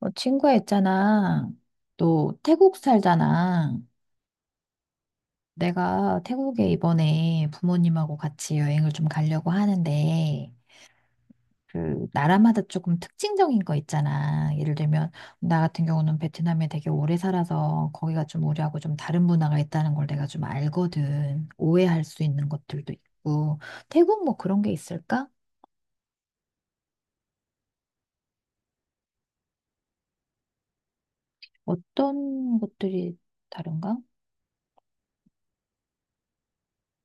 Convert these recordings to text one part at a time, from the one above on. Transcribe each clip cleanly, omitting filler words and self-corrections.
어, 친구야 있잖아. 너 태국 살잖아. 내가 태국에 이번에 부모님하고 같이 여행을 좀 가려고 하는데, 그, 나라마다 조금 특징적인 거 있잖아. 예를 들면, 나 같은 경우는 베트남에 되게 오래 살아서 거기가 좀 우리하고 좀 다른 문화가 있다는 걸 내가 좀 알거든. 오해할 수 있는 것들도 있고. 태국 뭐 그런 게 있을까? 어떤 것들이 다른가?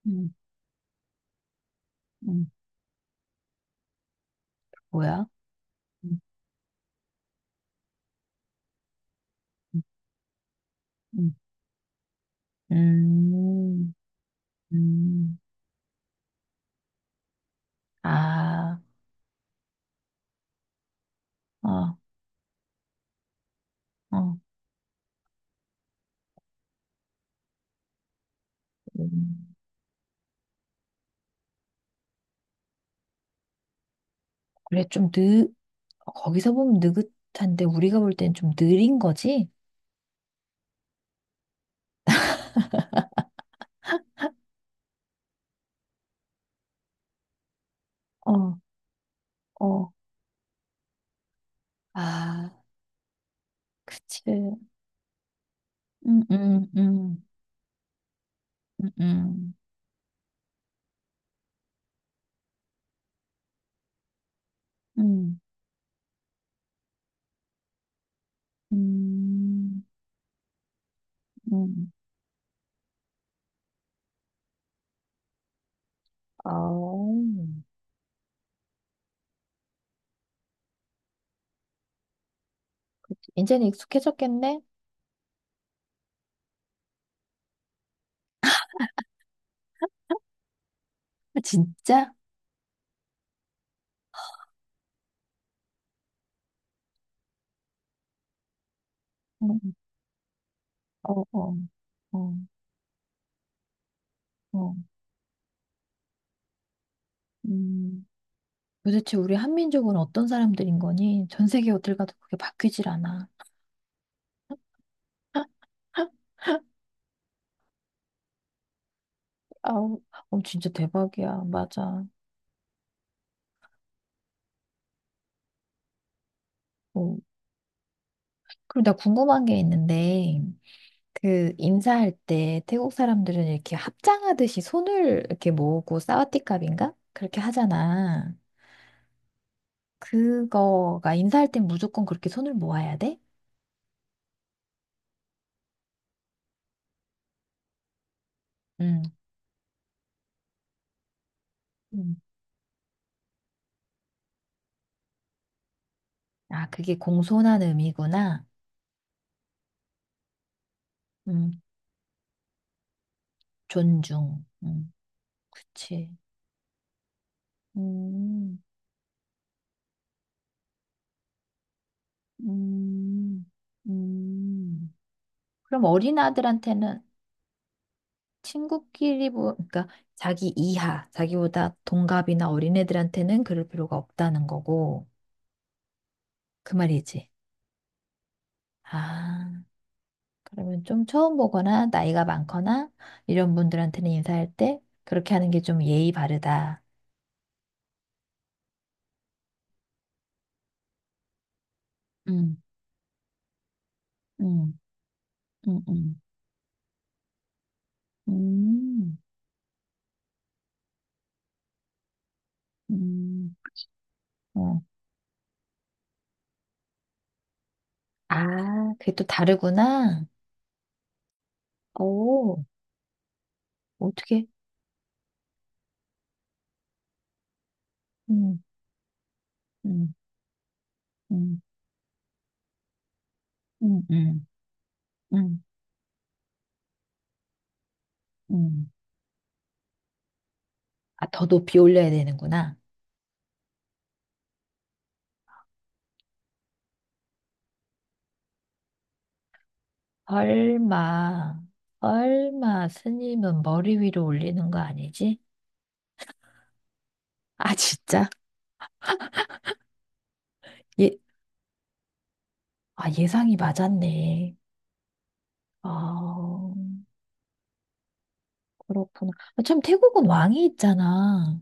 음, 음, 뭐야? 음, 음, 음. 음. 음, 아, 어, 어, 음. 그래, 거기서 보면 느긋한데, 우리가 볼 땐 좀 느린 거지? 어, 어, 아, 그치. 음, 음, 음, 음, 음, 음, 음, 음. 아우, 이제는 익숙해졌겠네? 아, 진짜? 음, 어, 어, 어, 어, 음. 도대체 우리 한민족은 어떤 사람들인 거니? 전 세계 어딜 가도 그게 바뀌질 않아. 아, 어, 진짜 대박이야. 맞아. 어. 그리고 나 궁금한 게 있는데, 그 인사할 때 태국 사람들은 이렇게 합장하듯이 손을 이렇게 모으고 사와디캅인가? 그렇게 하잖아. 그거가 인사할 땐 무조건 그렇게 손을 모아야 돼? 음. 음. 아, 그게 공손한 의미구나. 음. 존중. 음. 그치. 음. 음. 음. 그럼 어린아들한테는 친구끼리 뭐 그러니까 자기 이하, 자기보다 동갑이나 어린애들한테는 그럴 필요가 없다는 거고 그 말이지. 아, 그러면 좀 처음 보거나 나이가 많거나 이런 분들한테는 인사할 때 그렇게 하는 게 좀 예의 바르다. 음, 음, 음, 음, 음, 음. 어. 아, 그게 또 다르구나. 오, 어떻게? 음. 음, 음, 음, 음, 음, 음. 아, 더 높이 올려야 되는구나. 설마, 설마 스님은 머리 위로 올리는 거 아니지? 아, 진짜? 예, 아, 예상이 맞았네. 아, 그렇구나. 아, 참, 태국은 왕이 있잖아.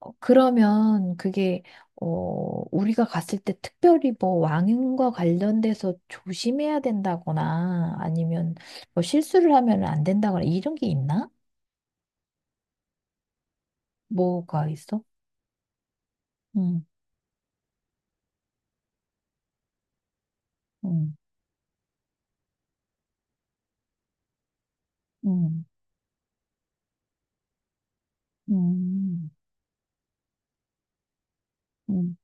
어, 그러면 그게, 어, 우리가 갔을 때 특별히 뭐 왕과 관련돼서 조심해야 된다거나 아니면 뭐 실수를 하면 안 된다거나 이런 게 있나? 뭐가 있어? 응, 응, 응, 응, 응.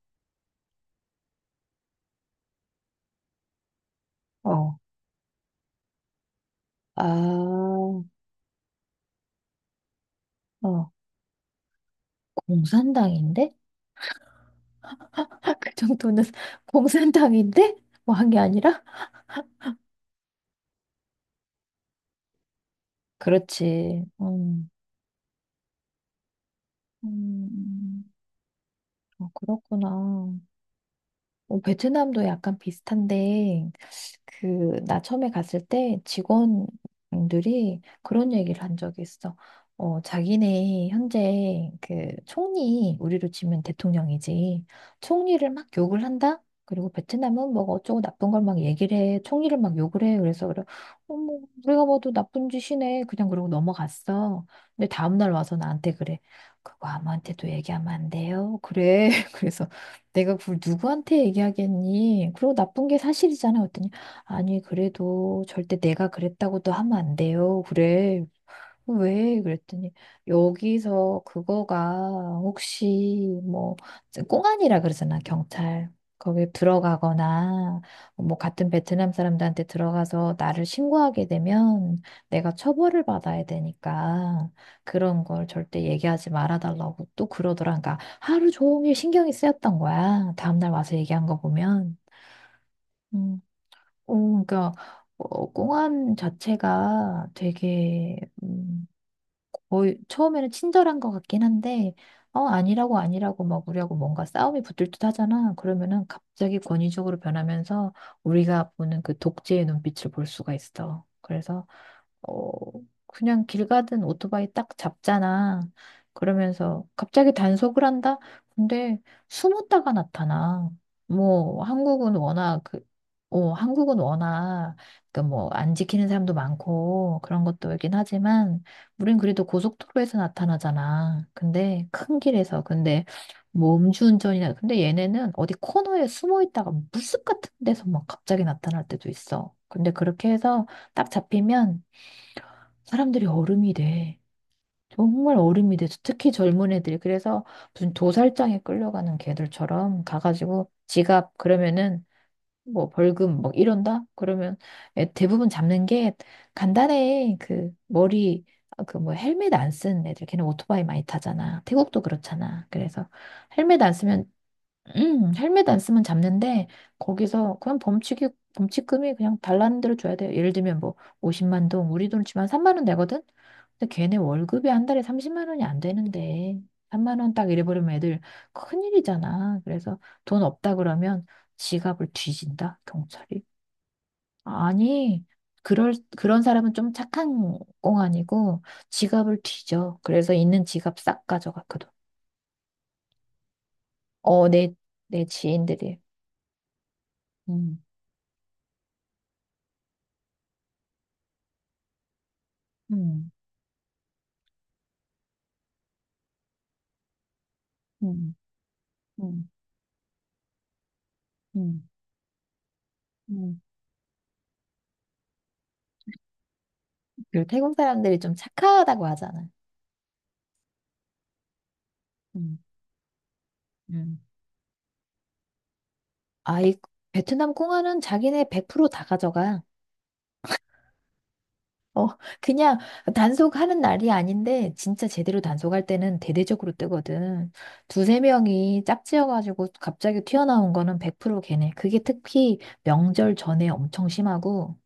어. 아, 어, 공산당인데? 그 정도는 공산당인데? 뭐 한 게 아니라? 그렇지. 음, 음. 어, 그렇구나. 어, 베트남도 약간 비슷한데, 그, 나 처음에 갔을 때 직원들이 그런 얘기를 한 적이 있어. 어, 자기네 현재 그 총리, 우리로 치면 대통령이지. 총리를 막 욕을 한다? 그리고 베트남은 뭐 어쩌고 나쁜 걸 막 얘기를 해. 총리를 막 욕을 해. 그래서 그래. 어머, 우리가 봐도 나쁜 짓이네. 그냥 그러고 넘어갔어. 근데 다음날 와서 나한테 그래. 그거 아무한테도 얘기하면 안 돼요. 그래. 그래서 내가 그걸 누구한테 얘기하겠니? 그리고 나쁜 게 사실이잖아. 아니, 그래도 절대 내가 그랬다고도 하면 안 돼요. 그래. 왜? 그랬더니, 여기서 그거가 혹시 뭐, 꽁안이라 그러잖아, 경찰. 거기 들어가거나, 뭐, 같은 베트남 사람들한테 들어가서 나를 신고하게 되면 내가 처벌을 받아야 되니까 그런 걸 절대 얘기하지 말아달라고 또 그러더라. 그러니까 하루 종일 신경이 쓰였던 거야. 다음날 와서 얘기한 거 보면. 음. 어, 그러니까 어, 꽁안 자체가 되게 거의 처음에는 친절한 것 같긴 한데 어 아니라고 아니라고 막 우리하고 뭔가 싸움이 붙을 듯 하잖아. 그러면은 갑자기 권위적으로 변하면서 우리가 보는 그 독재의 눈빛을 볼 수가 있어. 그래서 어, 그냥 길 가든 오토바이 딱 잡잖아. 그러면서 갑자기 단속을 한다? 근데 숨었다가 나타나. 뭐, 한국은 워낙 그, 어, 한국은 워낙 그 뭐, 안 지키는 사람도 많고 그런 것도 있긴 하지만, 우린 그래도 고속도로에서 나타나잖아. 근데 큰 길에서. 근데 뭐 음주운전이나, 근데 얘네는 어디 코너에 숨어 있다가 물숲 같은 데서 막 갑자기 나타날 때도 있어. 근데 그렇게 해서 딱 잡히면 사람들이 얼음이 돼. 정말 얼음이 돼. 특히 젊은 애들이. 그래서 무슨 도살장에 끌려가는 개들처럼 가가지고 지갑 그러면은 뭐 벌금 뭐 이런다? 그러면 대부분 잡는 게 간단해. 그 머리 그 뭐 헬멧 안 쓰는 애들. 걔는 오토바이 많이 타잖아. 태국도 그렇잖아. 그래서 헬멧 안 쓰면 헬멧 안 쓰면 잡는데 거기서 그냥 범칙이 범칙금이 그냥 달라는 대로 줘야 돼요. 예를 들면 뭐 50만 동 우리 돈으로 치면 3만 원 되거든. 근데 걔네 월급이 한 달에 30만 원이 안 되는데 3만 원 딱 잃어버리면 애들 큰일이잖아. 그래서 돈 없다 그러면 지갑을 뒤진다. 경찰이. 아니, 그럴 그런 사람은 좀 착한 꽁 아니고 지갑을 뒤져. 그래서 있는 지갑 싹 가져갔거든. 어, 내 지인들이. 음. 음. 음, 음, 음, 음. 그리고 태국 사람들이 좀 착하다고 하잖아. 음, 음. 아이, 베트남 꽁하는 자기네 100%다 가져가. 어, 그냥 단속하는 날이 아닌데, 진짜 제대로 단속할 때는 대대적으로 뜨거든. 두세 명이 짝지어가지고 갑자기 튀어나온 거는 100% 걔네. 그게 특히 명절 전에 엄청 심하고,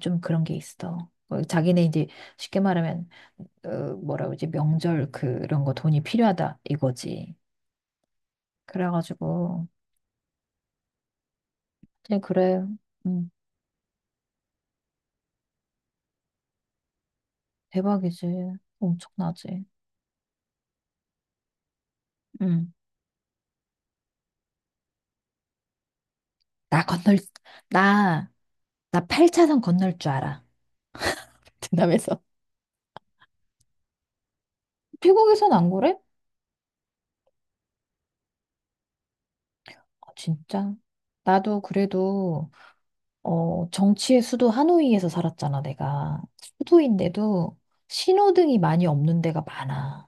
좀 그런 게 있어. 어, 자기네 이제 쉽게 말하면, 어, 뭐라 그러지, 명절 그런 거 돈이 필요하다, 이거지. 그래가지고 그냥 그래 응 대박이지 엄청나지 응 나 건널 나 나 8차선 건널 줄 알아 등담에서 태국에선 안 그래? 아, 진짜 나도 그래도 어 정치의 수도 하노이에서 살았잖아 내가 수도인데도 신호등이 많이 없는 데가 많아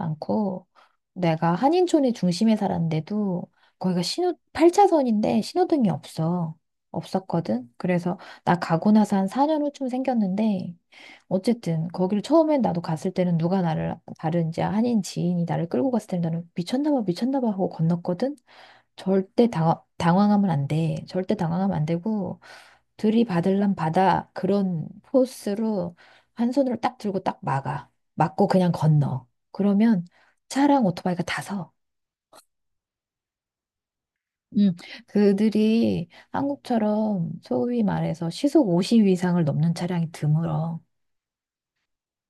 많고, 내가 한인촌의 중심에 살았는데도 거기가 신호, 8차선인데 신호등이 없어. 없었거든. 그래서 나 가고 나서 한 4년 후쯤 생겼는데, 어쨌든 거기를 처음엔 나도 갔을 때는 누가 나를, 다른 이제 한인 지인이 나를 끌고 갔을 때는 나는 미쳤나 봐, 미쳤나 봐 하고 건넜거든. 절대 당황하면 안 돼. 절대 당황하면 안 되고, 들이받을란 받아. 그런 포스로 한 손으로 딱 들고 딱 막아. 막고 그냥 건너. 그러면 차랑 오토바이가 다서 음, 그들이 한국처럼 소위 말해서 시속 50 이상을 넘는 차량이 드물어.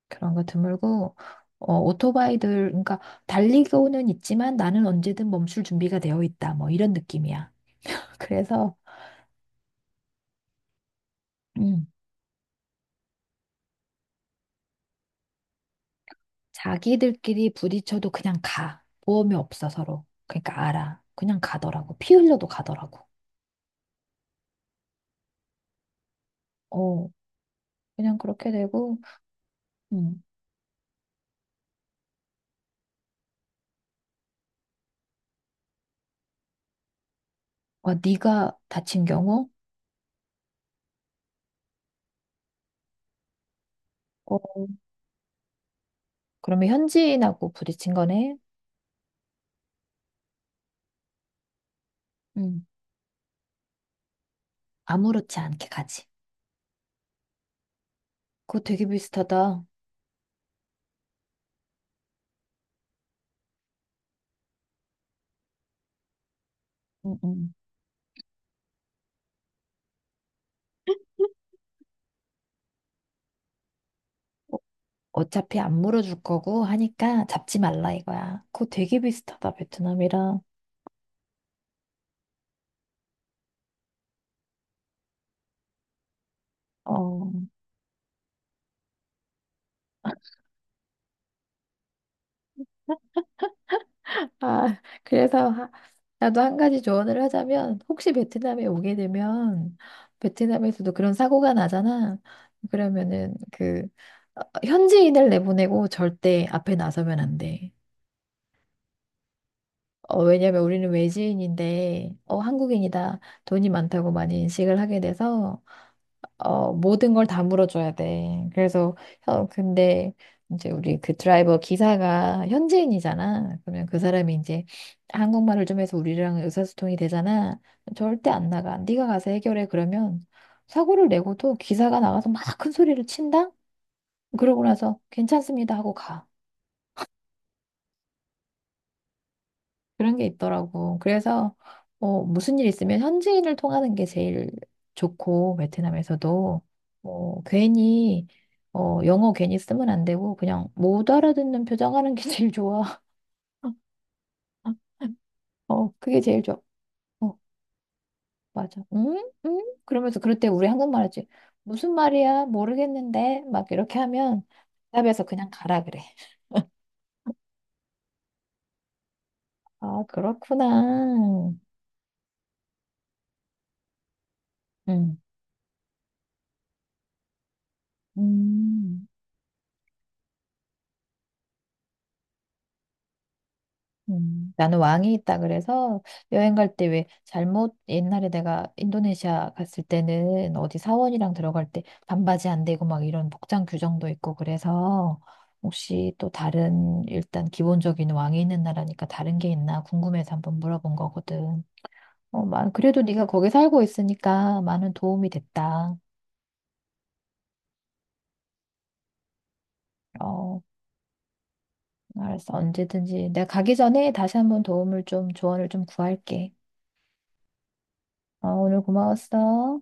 그런 거 드물고 어, 오토바이들 그러니까 달리고는 있지만 나는 언제든 멈출 준비가 되어 있다. 뭐 이런 느낌이야. 그래서 음, 자기들끼리 부딪혀도 그냥 가. 보험이 없어 서로. 그러니까 알아. 그냥 가더라고. 피 흘려도 가더라고. 어, 그냥 그렇게 되고 음. 어, 네가 다친 경우? 어, 그러면 현지인하고 부딪힌 거네? 응, 아무렇지 않게 가지. 그거 되게 비슷하다. 응, 응. 어, 어차피 안 물어줄 거고 하니까 잡지 말라 이거야. 그거 되게 비슷하다, 베트남이랑. 어, 아, 그래서 하- 나도 한 가지 조언을 하자면, 혹시 베트남에 오게 되면, 베트남에서도 그런 사고가 나잖아. 그러면은 그, 어, 현지인을 내보내고 절대 앞에 나서면 안 돼. 어, 왜냐면 우리는 외지인인데, 어, 한국인이다. 돈이 많다고 많이 인식을 하게 돼서, 어, 모든 걸 다 물어줘야 돼. 그래서, 어, 근데 이제 우리 그 드라이버 기사가 현지인이잖아. 그러면 그 사람이 이제 한국말을 좀 해서 우리랑 의사소통이 되잖아. 절대 안 나가. 네가 가서 해결해. 그러면 사고를 내고도 기사가 나가서 막 큰 소리를 친다? 그러고 나서 괜찮습니다 하고 가. 그런 게 있더라고. 그래서 어, 무슨 일 있으면 현지인을 통하는 게 제일 좋고 베트남에서도 어, 괜히 어, 영어 괜히 쓰면 안 되고 그냥 못 알아듣는 표정하는 게 제일 좋아. 어, 그게 제일 좋아. 어, 맞아. 응? 응? 그러면서 그럴 때 우리 한국말 하지. 무슨 말이야? 모르겠는데. 막 이렇게 하면 답에서 그냥 가라 그래. 아, 그렇구나. 응. 음. 나는 왕이 있다 그래서 여행 갈 때 왜 잘못 옛날에 내가 인도네시아 갔을 때는 어디 사원이랑 들어갈 때 반바지 안 되고 막 이런 복장 규정도 있고 그래서 혹시 또 다른 일단 기본적인 왕이 있는 나라니까 다른 게 있나 궁금해서 한번 물어본 거거든. 어, 만 그래도 네가 거기 살고 있으니까 많은 도움이 됐다. 어, 알았어. 언제든지 내가 가기 전에 다시 한번 도움을 좀 조언을 좀 구할게. 어, 오늘 고마웠어.